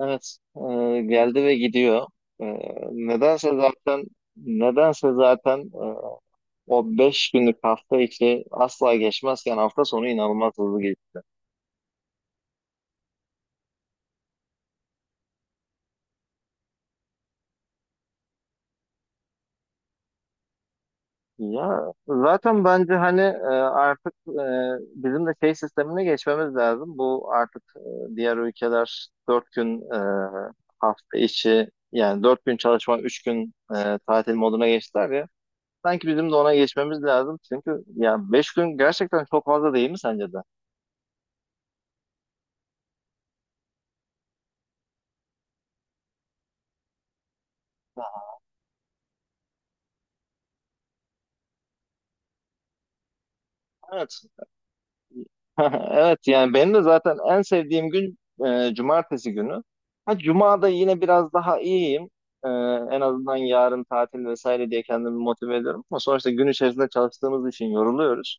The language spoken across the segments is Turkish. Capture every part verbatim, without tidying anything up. Evet, e, geldi ve gidiyor. E, nedense zaten nedense zaten e, o beş günlük hafta içi asla geçmezken hafta sonu inanılmaz hızlı geçti. Ya zaten bence hani e, artık e, bizim de şey sistemine geçmemiz lazım. Bu artık, e, diğer ülkeler dört gün e, hafta içi, yani dört gün çalışma, üç gün e, tatil moduna geçtiler ya. Sanki bizim de ona geçmemiz lazım. Çünkü ya beş gün gerçekten çok fazla değil mi sence de? Evet. Evet, yani benim de zaten en sevdiğim gün e, cumartesi günü. Ha, cumada yine biraz daha iyiyim. E, en azından yarın tatil vesaire diye kendimi motive ediyorum. Ama sonuçta gün içerisinde çalıştığımız için yoruluyoruz.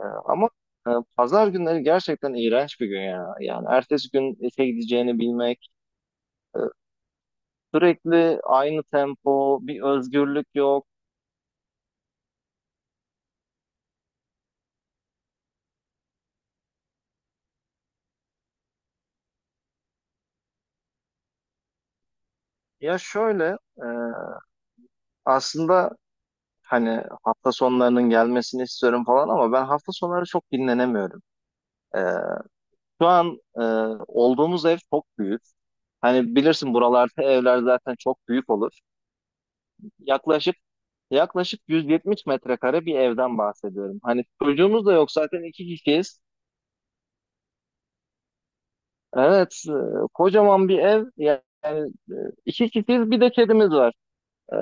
E, ama e, pazar günleri gerçekten iğrenç bir gün ya. Yani ertesi gün işe gideceğini bilmek, sürekli aynı tempo, bir özgürlük yok. Ya şöyle, e, Aslında hani hafta sonlarının gelmesini istiyorum falan ama ben hafta sonları çok dinlenemiyorum. Ee, Şu an e, olduğumuz ev çok büyük. Hani bilirsin, buralarda evler zaten çok büyük olur. Yaklaşık Yaklaşık yüz yetmiş metrekare bir evden bahsediyorum. Hani çocuğumuz da yok zaten, iki kişiyiz. Evet, e, kocaman bir ev. Yani, e, iki kişiyiz, bir de kedimiz var. Ee,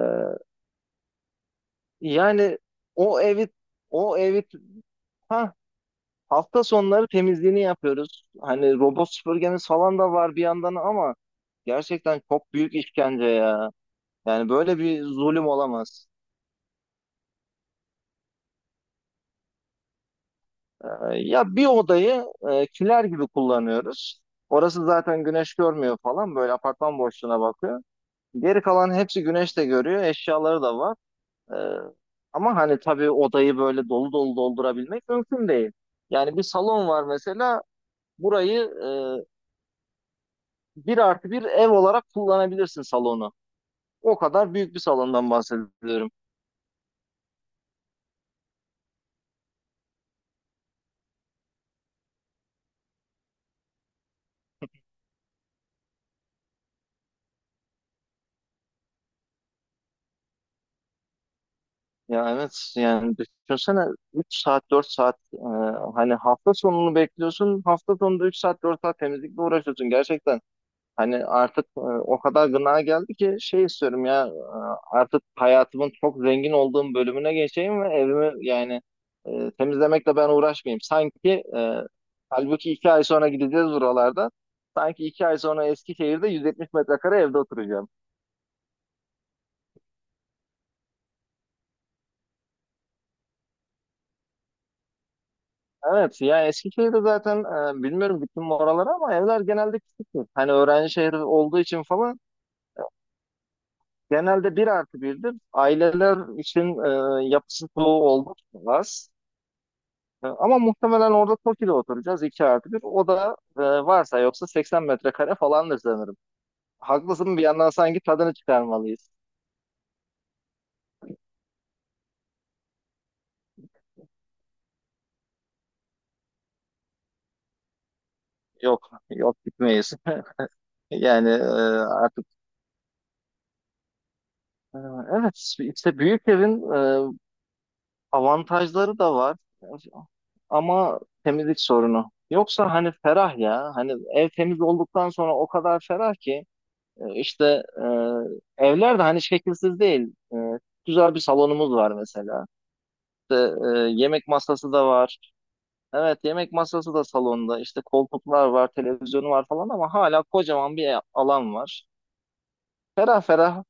yani o evi o evi, ha Hafta sonları temizliğini yapıyoruz. Hani robot süpürgemiz falan da var bir yandan ama gerçekten çok büyük işkence ya. Yani böyle bir zulüm olamaz. Ee, ya bir odayı e, kiler gibi kullanıyoruz. Orası zaten güneş görmüyor falan. Böyle apartman boşluğuna bakıyor. Geri kalan hepsi güneş de görüyor. Eşyaları da var. Ee, ama hani tabii, odayı böyle dolu dolu doldurabilmek mümkün değil. Yani, bir salon var mesela. Burayı e, bir artı bir ev olarak kullanabilirsin, salonu. O kadar büyük bir salondan bahsediyorum. Ya evet, yani düşünsene, üç saat dört saat, e, hani hafta sonunu bekliyorsun. Hafta sonunda üç saat dört saat temizlikle uğraşıyorsun gerçekten. Hani artık, e, o kadar gına geldi ki şey istiyorum ya, e, artık hayatımın çok zengin olduğum bölümüne geçeyim ve evimi, yani e, temizlemekle ben uğraşmayayım. Sanki, e, halbuki iki ay sonra gideceğiz buralarda. Sanki iki ay sonra Eskişehir'de yüz yetmiş metrekare evde oturacağım. Evet ya, Eskişehir'de zaten e, bilmiyorum gittim mi oralara, ama evler genelde küçüktür. Hani öğrenci şehri olduğu için falan, genelde bir artı birdir. Aileler için e, yapısı çoğu oldukça az. E, ama muhtemelen orada TOKİ'de oturacağız, iki artı bir. O da e, varsa yoksa seksen metrekare falandır sanırım. Haklısın, bir yandan sanki tadını çıkarmalıyız. Yok yok, gitmeyiz. Yani e, artık, e, evet, işte büyük evin e, avantajları da var, ama temizlik sorunu. Yoksa hani ferah ya, hani ev temiz olduktan sonra o kadar ferah ki, e, işte, e, evler de hani şekilsiz değil. E, güzel bir salonumuz var mesela. İşte, e, yemek masası da var. Evet, yemek masası da salonda. İşte koltuklar var, televizyonu var falan ama hala kocaman bir alan var. Ferah ferah.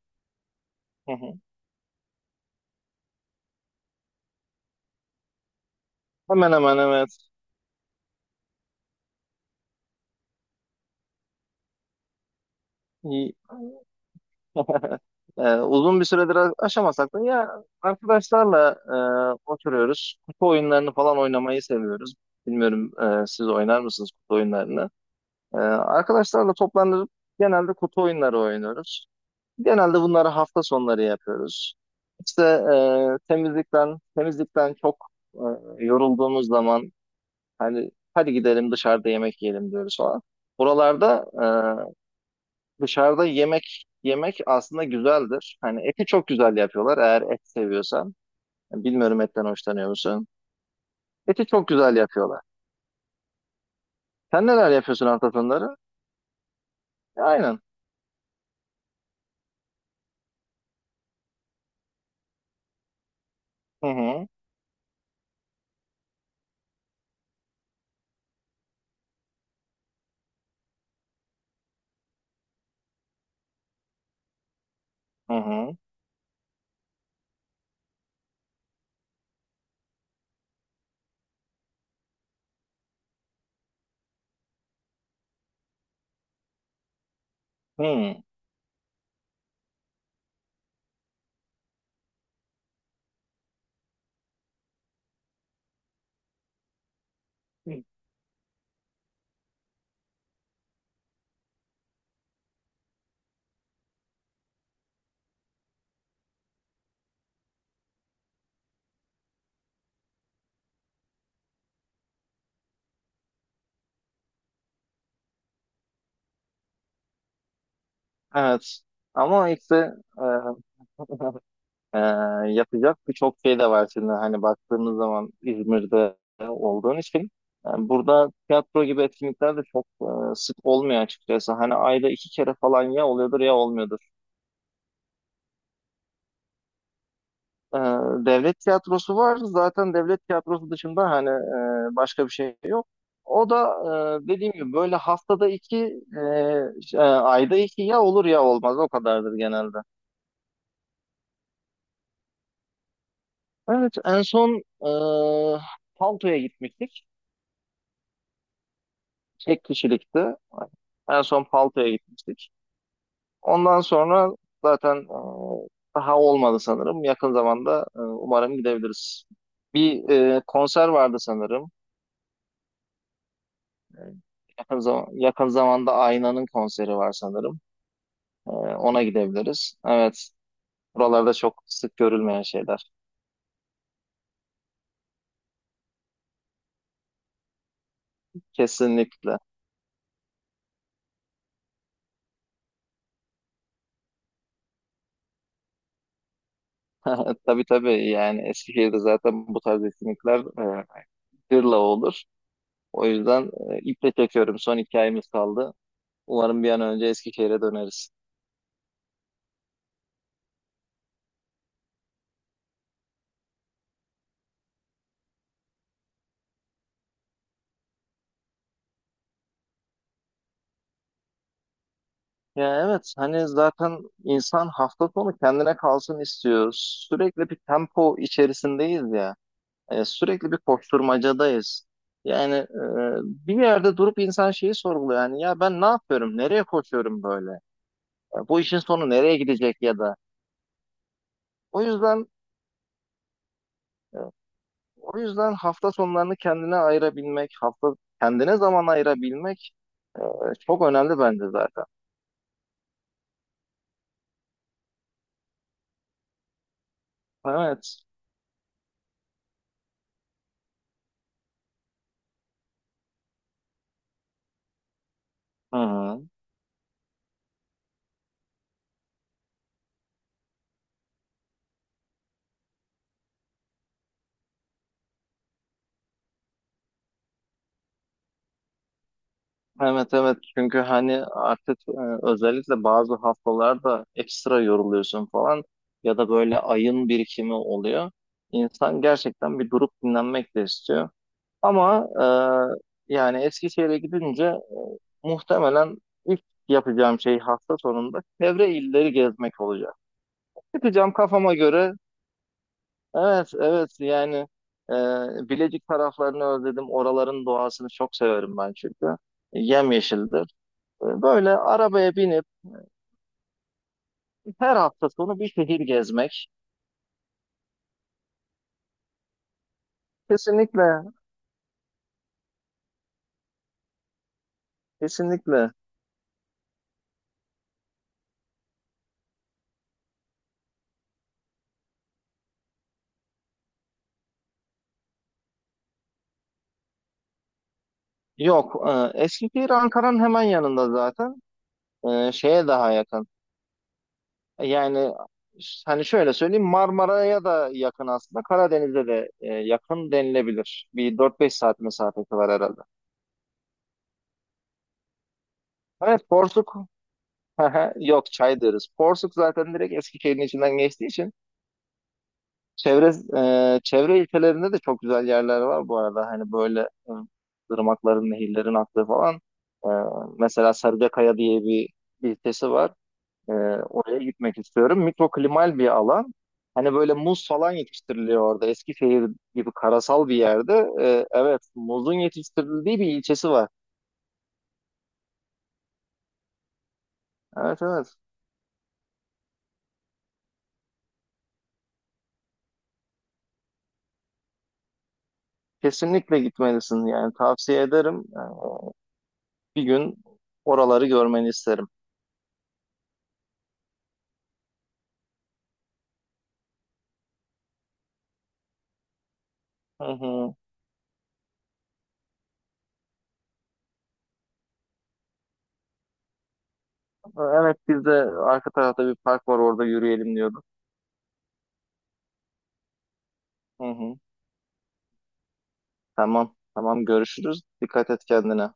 Hı hı. Hemen hemen, evet. Ee, uzun bir süredir a- aşamasak da ya, arkadaşlarla e, oturuyoruz. Kutu oyunlarını falan oynamayı seviyoruz. Bilmiyorum, e, siz oynar mısınız kutu oyunlarını? Ee, arkadaşlarla toplanıp genelde kutu oyunları oynuyoruz. Genelde bunları hafta sonları yapıyoruz. İşte e, temizlikten temizlikten çok e, yorulduğumuz zaman, hani hadi gidelim dışarıda yemek yiyelim diyoruz falan. Buralarda, e, Dışarıda yemek yemek aslında güzeldir. Hani eti çok güzel yapıyorlar, eğer et seviyorsan. Bilmiyorum, etten hoşlanıyor musun? Eti çok güzel yapıyorlar. Sen neler yapıyorsun hafta sonları? E, Aynen. Hı hı. Hı hı. Hı. Evet. Ama işte, e, e, yapacak birçok şey de var şimdi. Hani baktığımız zaman İzmir'de olduğun için, e, burada tiyatro gibi etkinlikler de çok e, sık olmuyor açıkçası. Hani ayda iki kere falan, ya oluyordur ya olmuyordur. Ee, devlet tiyatrosu var. Zaten devlet tiyatrosu dışında hani, e, başka bir şey yok. O da, e, dediğim gibi, böyle haftada iki, e, ş- e, ayda iki, ya olur ya olmaz. O kadardır genelde. Evet, en son, e, Palto'ya gitmiştik. Tek kişilikti. En son Palto'ya gitmiştik. Ondan sonra zaten e, daha olmadı sanırım. Yakın zamanda, e, umarım gidebiliriz. Bir e, konser vardı sanırım. Yakın, zam- yakın zamanda Aynan'ın konseri var sanırım. Ee, ona gidebiliriz. Evet. Buralarda çok sık görülmeyen şeyler. Kesinlikle. Tabii tabii, yani Eskişehir'de zaten bu tarz etkinlikler e, gırla olur. O yüzden, e, iple çekiyorum. Son iki ayımız kaldı. Umarım bir an önce Eskişehir'e döneriz. Ya evet, hani zaten insan hafta sonu kendine kalsın istiyor. Sürekli bir tempo içerisindeyiz ya. E, sürekli bir koşturmacadayız. Yani, e, bir yerde durup insan şeyi sorguluyor. Yani ya, ben ne yapıyorum? Nereye koşuyorum böyle? Ya bu işin sonu nereye gidecek ya da? O yüzden O yüzden, hafta sonlarını kendine ayırabilmek, hafta kendine zaman ayırabilmek, e, çok önemli bence zaten. Evet. Hı hı. Evet, evet, çünkü hani artık, e, özellikle bazı haftalarda ekstra yoruluyorsun falan, ya da böyle ayın birikimi oluyor. İnsan gerçekten bir durup dinlenmek de istiyor. Ama e, yani Eskişehir'e gidince muhtemelen ilk yapacağım şey, hafta sonunda çevre illeri gezmek olacak. Çıkacağım kafama göre, evet, evet, yani, e, Bilecik taraflarını özledim. Oraların doğasını çok severim ben çünkü. Yemyeşildi. E, Böyle arabaya binip her hafta sonu bir şehir gezmek. Kesinlikle, kesinlikle. Yok, e, Eskişehir Ankara'nın hemen yanında zaten. E, şeye daha yakın. Yani, ş- hani şöyle söyleyeyim, Marmara'ya da yakın aslında. Karadeniz'e de e, yakın denilebilir. Bir dört beş saat mesafesi var herhalde. Evet, Porsuk. Yok, çay deriz. Porsuk zaten direkt Eskişehir'in içinden geçtiği için. Çevre e, Çevre ilçelerinde de çok güzel yerler var bu arada. Hani böyle, e, ırmakların, nehirlerin aktığı falan. E, mesela Sarıcakaya diye bir ilçesi var. E, oraya gitmek istiyorum. Mikroklimal bir alan. Hani böyle muz falan yetiştiriliyor orada. Eskişehir gibi karasal bir yerde. E, evet, muzun yetiştirildiği bir ilçesi var. Evet, evet. Kesinlikle gitmelisin, yani tavsiye ederim. E, bir gün oraları görmeni isterim. Hı hı. Evet, biz de arka tarafta bir park var, orada yürüyelim diyorduk. Hı hı. Tamam. Tamam, görüşürüz. Dikkat et kendine.